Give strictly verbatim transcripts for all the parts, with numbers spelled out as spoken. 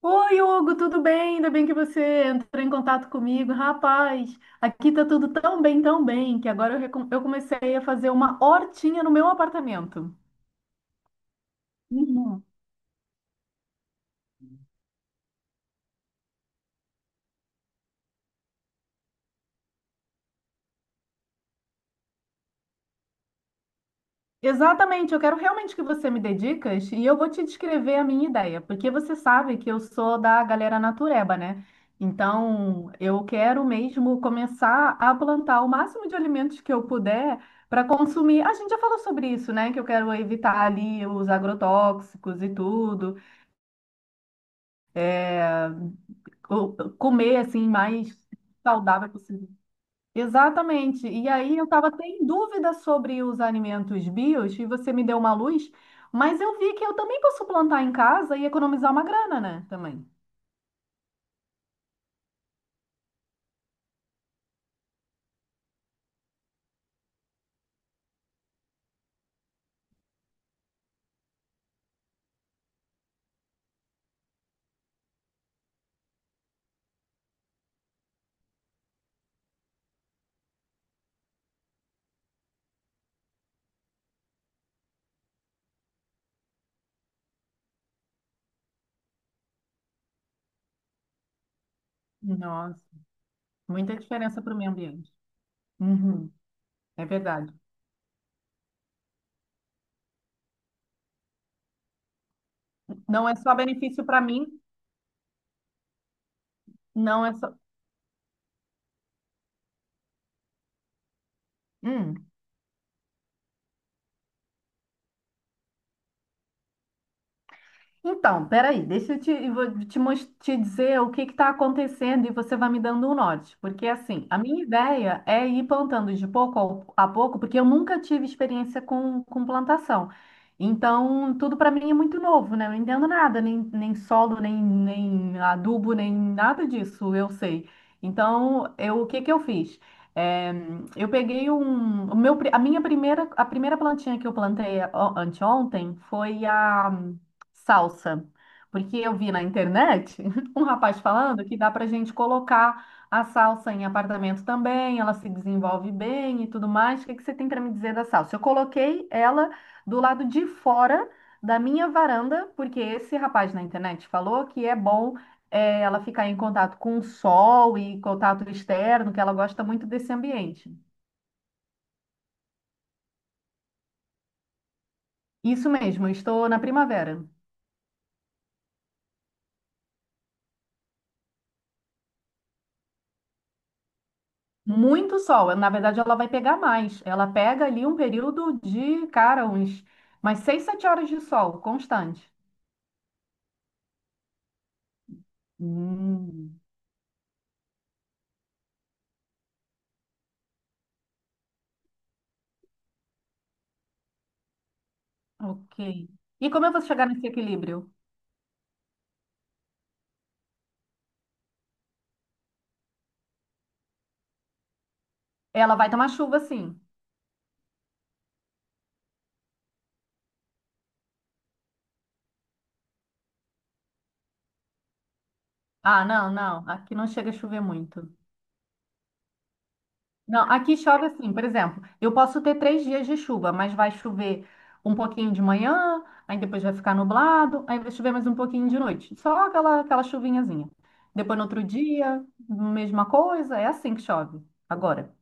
Oi, Hugo, tudo bem? Ainda bem que você entrou em contato comigo. Rapaz, aqui tá tudo tão bem, tão bem, que agora eu, recom- eu comecei a fazer uma hortinha no meu apartamento. Uhum. Exatamente, eu quero realmente que você me dê dicas e eu vou te descrever a minha ideia, porque você sabe que eu sou da galera natureba, né? Então, eu quero mesmo começar a plantar o máximo de alimentos que eu puder para consumir. A gente já falou sobre isso, né? Que eu quero evitar ali os agrotóxicos e tudo. co- comer assim mais saudável possível. Exatamente. E aí eu estava até em dúvida sobre os alimentos bios e você me deu uma luz, mas eu vi que eu também posso plantar em casa e economizar uma grana, né? Também. Nossa, muita diferença para o meio ambiente. Uhum, é verdade. Não é só benefício para mim, não é só. Hum. Então, peraí, deixa eu te, eu vou te, mos- te dizer o que está acontecendo e você vai me dando um norte. Porque, assim, a minha ideia é ir plantando de pouco ao- a pouco, porque eu nunca tive experiência com, com plantação. Então, tudo para mim é muito novo, né? Eu não entendo nada, nem, nem solo, nem, nem adubo, nem nada disso, eu sei. Então, eu, o que que eu fiz? É, eu peguei um, o meu, pri- a minha primeira, a primeira plantinha que eu plantei ó, anteontem foi a salsa. Porque eu vi na internet um rapaz falando que dá para gente colocar a salsa em apartamento também, ela se desenvolve bem e tudo mais. O que que você tem para me dizer da salsa? Eu coloquei ela do lado de fora da minha varanda, porque esse rapaz na internet falou que é bom eh, ela ficar em contato com o sol e contato externo, que ela gosta muito desse ambiente. Isso mesmo, eu estou na primavera. Muito sol. Na verdade, ela vai pegar mais. Ela pega ali um período de, cara, uns mais seis, sete horas de sol constante. Hum. Ok. E como eu vou chegar nesse equilíbrio? Ela vai tomar chuva, sim. Ah, não, não. Aqui não chega a chover muito. Não, aqui chove assim, por exemplo, eu posso ter três dias de chuva, mas vai chover um pouquinho de manhã, aí depois vai ficar nublado, aí vai chover mais um pouquinho de noite. Só aquela, aquela chuvinhazinha. Depois no outro dia, mesma coisa, é assim que chove. Agora,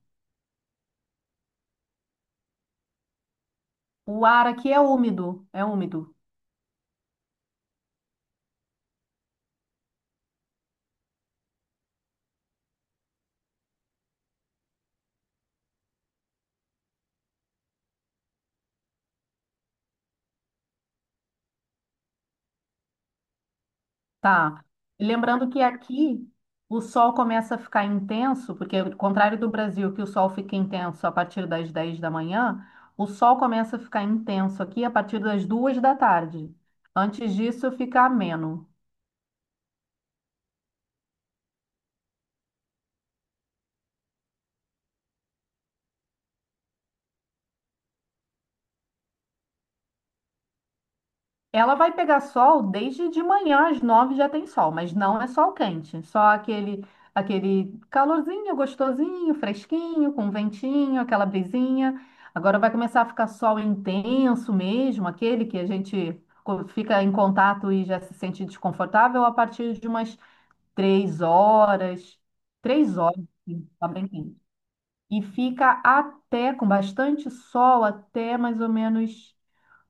o ar aqui é úmido, é úmido. Tá. Lembrando que aqui o sol começa a ficar intenso, porque ao contrário do Brasil, que o sol fica intenso a partir das dez da manhã, o sol começa a ficar intenso aqui a partir das duas da tarde. Antes disso, fica ameno. Ela vai pegar sol desde de manhã às nove já tem sol, mas não é sol quente, só aquele aquele calorzinho gostosinho, fresquinho, com ventinho, aquela brisinha. Agora vai começar a ficar sol intenso mesmo, aquele que a gente co- fica em contato e já se sente desconfortável a partir de umas três horas, três horas, sim, tá bem quente. E fica até com bastante sol até mais ou menos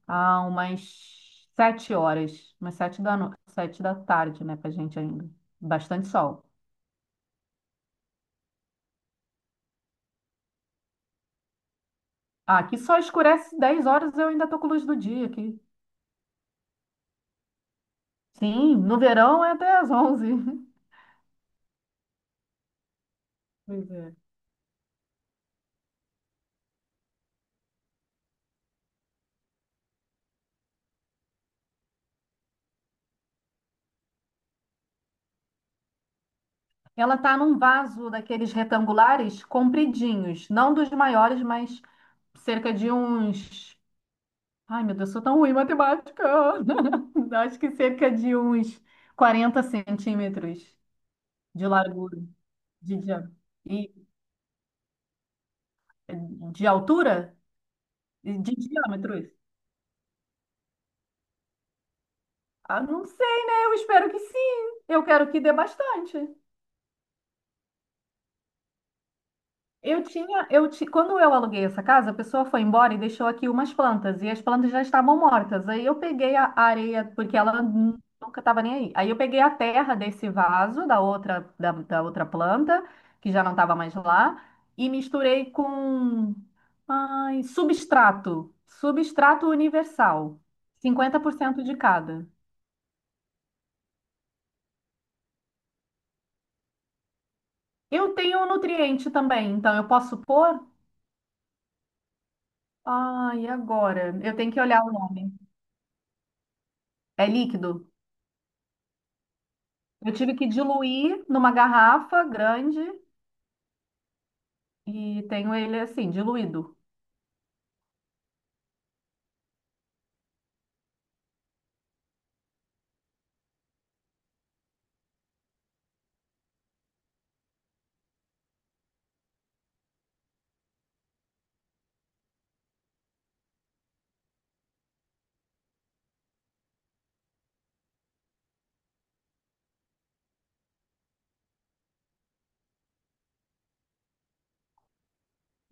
há umas sete horas, umas sete da no... sete da tarde, né, pra gente ainda. Bastante sol. Ah, aqui só escurece dez horas, eu ainda tô com luz do dia aqui. Sim, no verão é até às onze. Pois é. Ela tá num vaso daqueles retangulares compridinhos, não dos maiores, mas cerca de uns. Ai, meu Deus, sou tão ruim em matemática. Acho que cerca de uns quarenta centímetros de largura, de diâmetro. De altura? De diâmetros? Ah, não sei, né? Eu espero que sim. Eu quero que dê bastante. Eu tinha, eu ti- quando eu aluguei essa casa, a pessoa foi embora e deixou aqui umas plantas, e as plantas já estavam mortas. Aí eu peguei a a areia, porque ela nu- nunca estava nem aí. Aí eu peguei a terra desse vaso, da outra, da, da outra planta, que já não estava mais lá, e misturei com, ai, substrato, substrato universal, cinquenta por cento de cada. Eu tenho um nutriente também, então eu posso pôr? Ah, e agora? Eu tenho que olhar o nome. É líquido? Eu tive que diluir numa garrafa grande e tenho ele assim, diluído.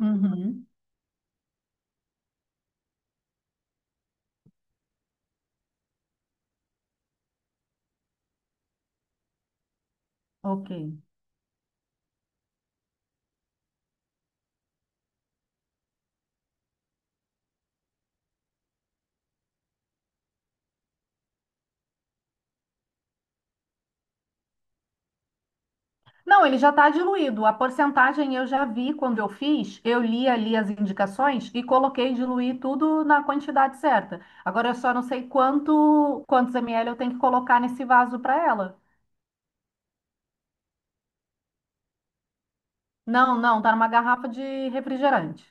Uhum, ok. Não, ele já está diluído. A porcentagem eu já vi quando eu fiz, eu li ali as indicações e coloquei diluir tudo na quantidade certa. Agora eu só não sei quanto, quantos ml eu tenho que colocar nesse vaso para ela. Não, não, tá numa garrafa de refrigerante.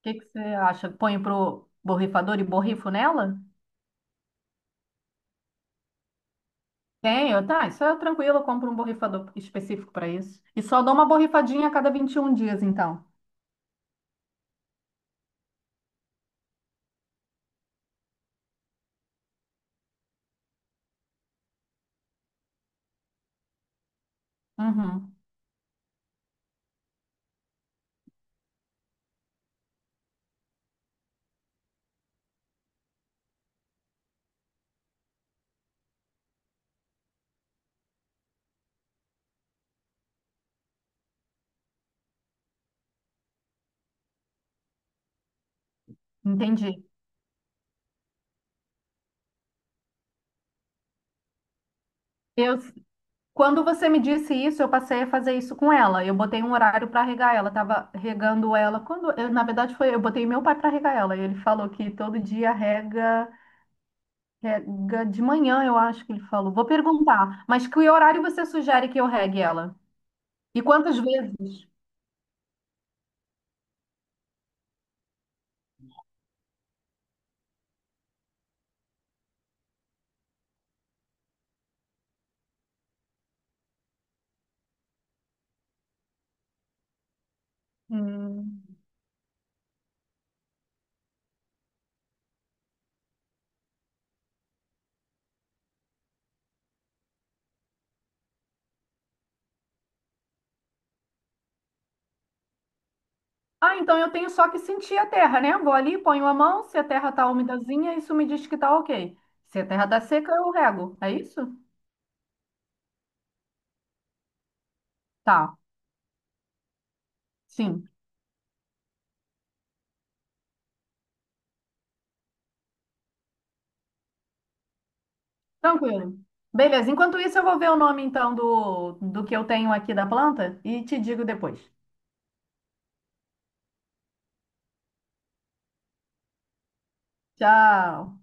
O que que você acha? Põe pro borrifador e borrifo nela? Tenho, tá, isso é tranquilo, eu compro um borrifador específico para isso. E só dou uma borrifadinha a cada vinte e um dias, então. Uhum, entendi. Eu, quando você me disse isso, eu passei a fazer isso com ela. Eu botei um horário para regar ela, tava regando ela. Quando, eu, na verdade, foi, eu botei meu pai para regar ela. E ele falou que todo dia rega, rega de manhã, eu acho que ele falou. Vou perguntar, mas que horário você sugere que eu regue ela? E quantas vezes? Hum. Ah, então eu tenho só que sentir a terra, né? Vou ali, ponho a mão, se a terra tá umidazinha, isso me diz que tá ok. Se a terra tá seca, eu rego. É isso? Tá. Sim. Tranquilo. Beleza. Enquanto isso, eu vou ver o nome então do, do que eu tenho aqui da planta e te digo depois. Tchau.